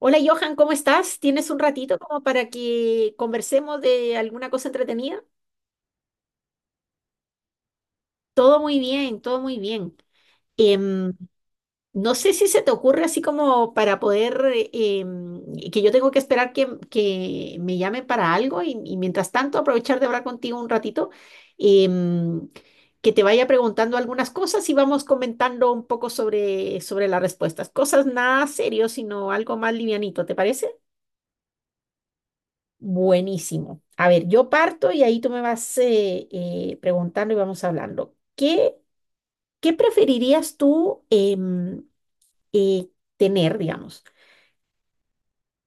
Hola Johan, ¿cómo estás? ¿Tienes un ratito como para que conversemos de alguna cosa entretenida? Todo muy bien, todo muy bien. Em, no sé si se te ocurre así como para poder, que yo tengo que esperar que me llamen para algo y mientras tanto aprovechar de hablar contigo un ratito, em, que te vaya preguntando algunas cosas y vamos comentando un poco sobre las respuestas. Cosas nada serio, sino algo más livianito, ¿te parece? Buenísimo. A ver, yo parto y ahí tú me vas preguntando y vamos hablando. ¿Qué preferirías tú em, eh, tener, digamos?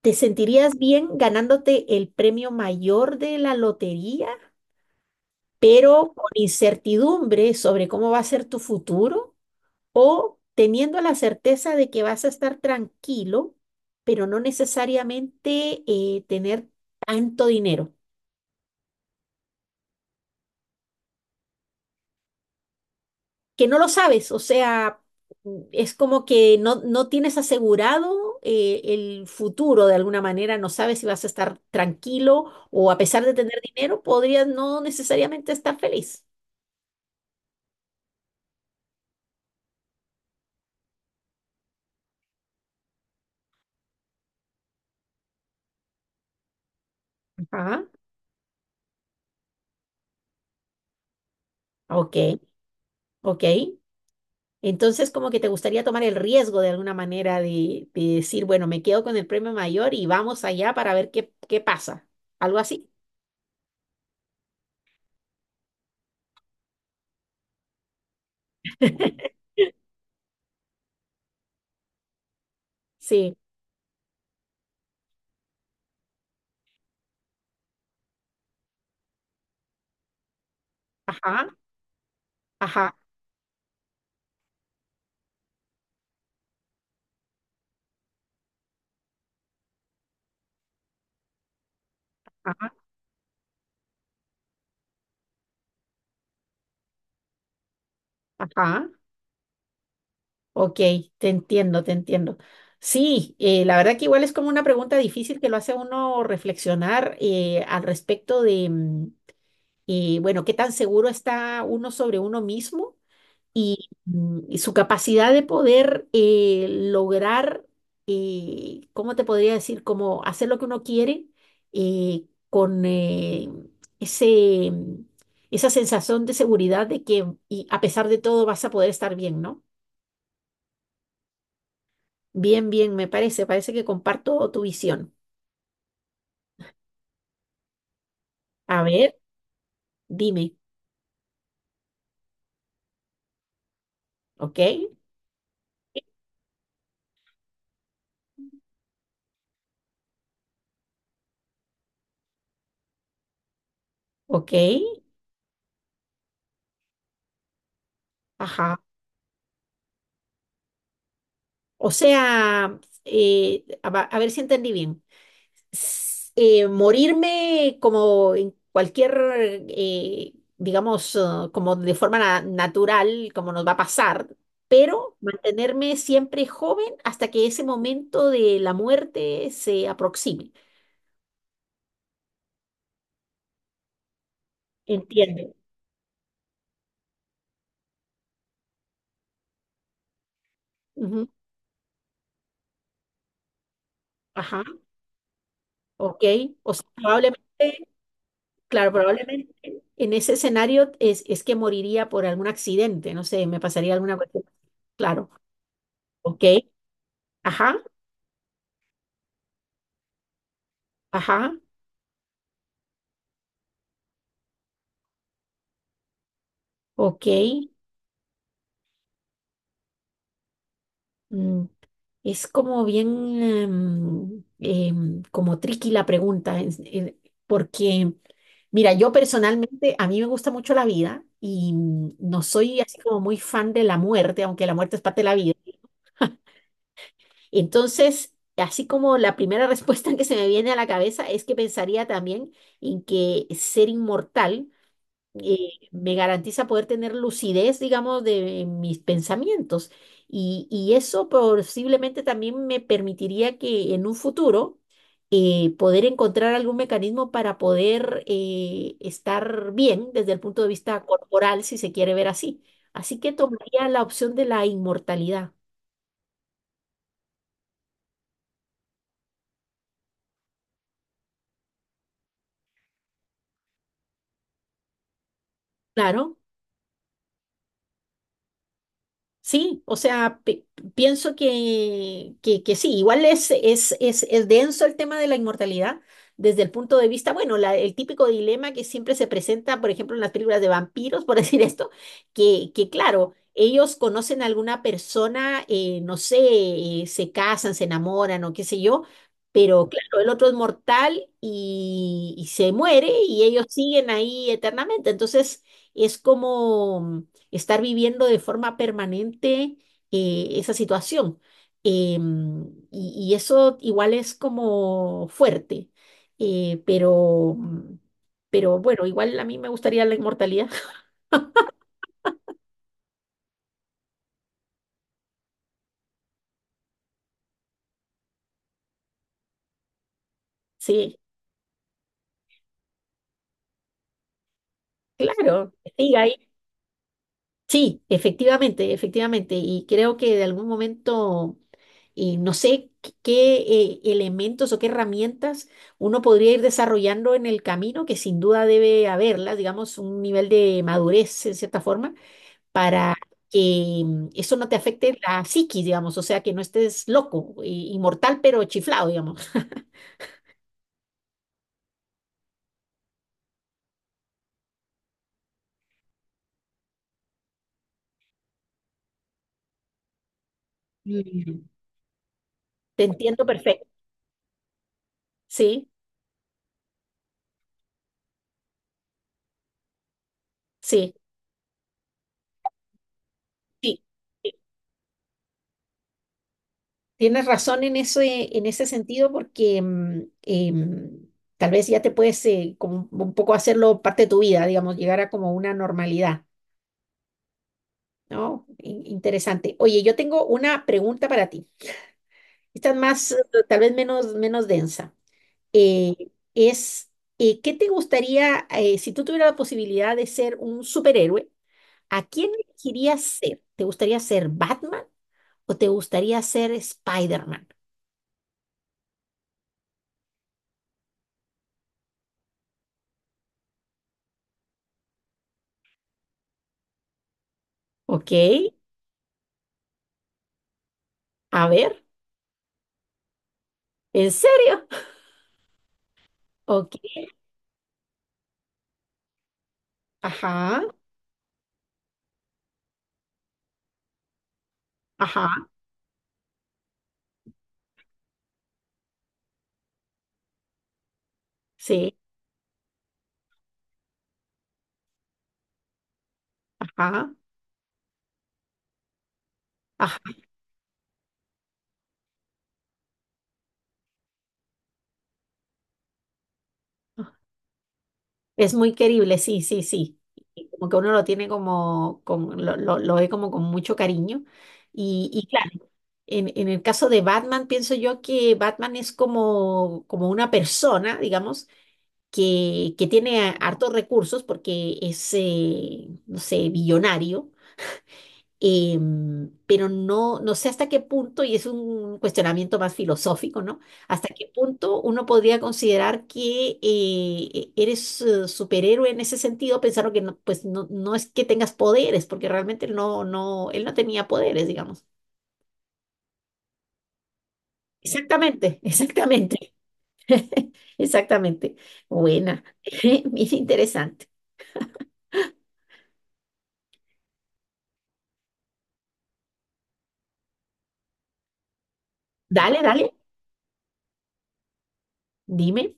¿Te sentirías bien ganándote el premio mayor de la lotería, pero con incertidumbre sobre cómo va a ser tu futuro? ¿O teniendo la certeza de que vas a estar tranquilo, pero no necesariamente tener tanto dinero? Que no lo sabes, o sea, es como que no tienes asegurado el futuro de alguna manera, no sabes si vas a estar tranquilo o a pesar de tener dinero, podrías no necesariamente estar feliz. Ajá, ok, ok. Entonces, como que te gustaría tomar el riesgo de alguna manera de decir, bueno, me quedo con el premio mayor y vamos allá para ver qué pasa. Algo así. Sí. Ajá, ajá, ajá, ajá. Ok, te entiendo, te entiendo. Sí, la verdad que igual es como una pregunta difícil que lo hace a uno reflexionar al respecto de, bueno, qué tan seguro está uno sobre uno mismo y, mm, y su capacidad de poder lograr, ¿cómo te podría decir? Como hacer lo que uno quiere eh, con eh, ese, mm, esa sensación de seguridad de que y a pesar de todo vas a poder estar bien, ¿no? Bien, bien, me parece, parece que comparto tu visión. A ver, dime, ¿ok? ¿Ok? Ajá. O sea, a ver si entendí bien. Morirme como en cualquier, digamos, ah, como de forma natural, como nos va a pasar, pero mantenerme siempre joven hasta que ese momento de la muerte se aproxime. Entiendo. Ujú, ajá, ok. O sea, probablemente... Claro, probablemente en ese escenario es que moriría por algún accidente, no sé, me pasaría alguna cuestión. Claro, ok, ajá, ajá, ok. Mm, es como bien, como tricky la pregunta, porque, mira, yo personalmente, a mí me gusta mucho la vida y mm, no soy así como muy fan de la muerte, aunque la muerte es parte de la vida. Entonces, así como la primera respuesta que se me viene a la cabeza es que pensaría también en que ser inmortal me garantiza poder tener lucidez, digamos, de mis pensamientos. Y eso posiblemente también me permitiría que en un futuro poder encontrar algún mecanismo para poder estar bien desde el punto de vista corporal, si se quiere ver así. Así que tomaría la opción de la inmortalidad. Claro. Sí, o sea, pienso que sí, igual es denso el tema de la inmortalidad desde el punto de vista, bueno, el típico dilema que siempre se presenta, por ejemplo, en las películas de vampiros, por decir esto, que claro, ellos conocen a alguna persona, no sé, se casan, se enamoran o qué sé yo, pero claro, el otro es mortal y se muere y ellos siguen ahí eternamente, entonces es como estar viviendo de forma permanente esa situación. Em, y, y eso igual es como fuerte, pero, mm, pero bueno, igual a mí me gustaría la inmortalidad. Sí, claro, siga ahí. Sí, efectivamente, efectivamente. Y creo que de algún momento, no sé qué elementos o qué herramientas uno podría ir desarrollando en el camino, que sin duda debe haberlas, digamos, un nivel de madurez en cierta forma para que mm, eso no te afecte la psiquis, digamos, o sea, que no estés loco, inmortal, pero chiflado, digamos. Mm. Te entiendo perfecto. Sí, sí, sí. Sí. Tienes razón en ese sentido porque tal vez ya te puedes como un poco hacerlo parte de tu vida, digamos, llegar a como una normalidad, ¿no? Interesante. Oye, yo tengo una pregunta para ti. Esta es más, tal vez menos, menos densa. Eh, es ¿Qué te gustaría, si tú tuvieras la posibilidad de ser un superhéroe, a quién elegirías ser? ¿Te gustaría ser Batman o te gustaría ser Spider-Man? Ok, a ver, ¿en serio? Ok, ajá, ajá, sí, ajá, ajá. Es muy querible, sí, sí, sí. Y como que uno lo tiene como, con, lo ve como con mucho cariño. Y, en el caso de Batman, pienso yo que Batman es como, como una persona, digamos, que tiene hartos recursos porque es, no sé, billonario, em, pero no, no sé hasta qué punto, y es un cuestionamiento más filosófico, ¿no? Hasta qué punto uno podría considerar que eres superhéroe en ese sentido, pensando que no, pues no, no es que tengas poderes, porque realmente no, no, él no tenía poderes, digamos. Exactamente, exactamente. Exactamente. Buena. Mira, interesante. Dale, dale. Dime.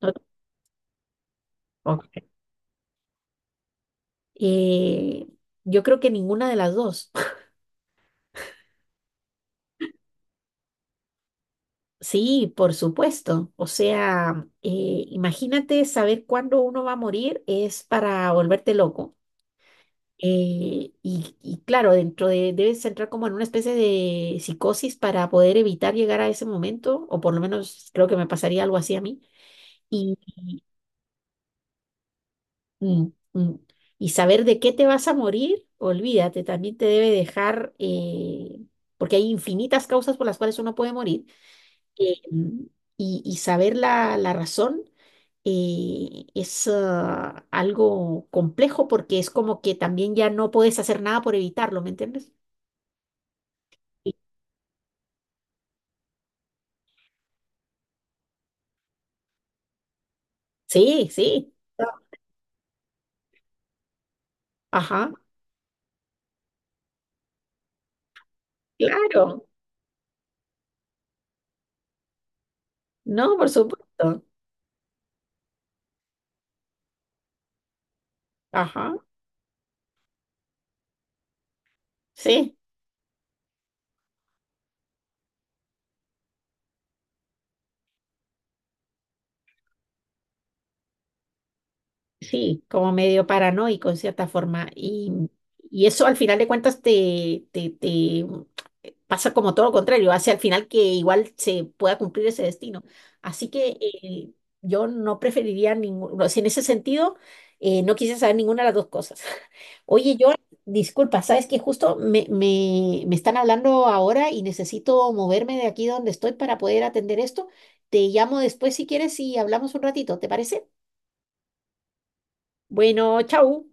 No te- Ok. Eh, yo creo que ninguna de las dos. Sí, por supuesto. O sea, imagínate saber cuándo uno va a morir es para volverte loco. Y, y claro, dentro de, debes entrar como en una especie de psicosis para poder evitar llegar a ese momento, o por lo menos creo que me pasaría algo así a mí. Mm, mm. Y saber de qué te vas a morir, olvídate, también te debe dejar, porque hay infinitas causas por las cuales uno puede morir, mm, y saber la razón es algo complejo porque es como que también ya no puedes hacer nada por evitarlo, ¿me entiendes? Sí, sí. Sí. Ajá, claro. No, por supuesto. Ajá, sí. Sí, como medio paranoico en cierta forma. Y eso al final de cuentas te pasa como todo lo contrario, hace al final que igual se pueda cumplir ese destino. Así que yo no preferiría ninguno, o sea, en ese sentido, no quise saber ninguna de las dos cosas. Oye, yo, disculpa, sabes que justo me están hablando ahora y necesito moverme de aquí donde estoy para poder atender esto. Te llamo después si quieres y hablamos un ratito, ¿te parece? Bueno, chau.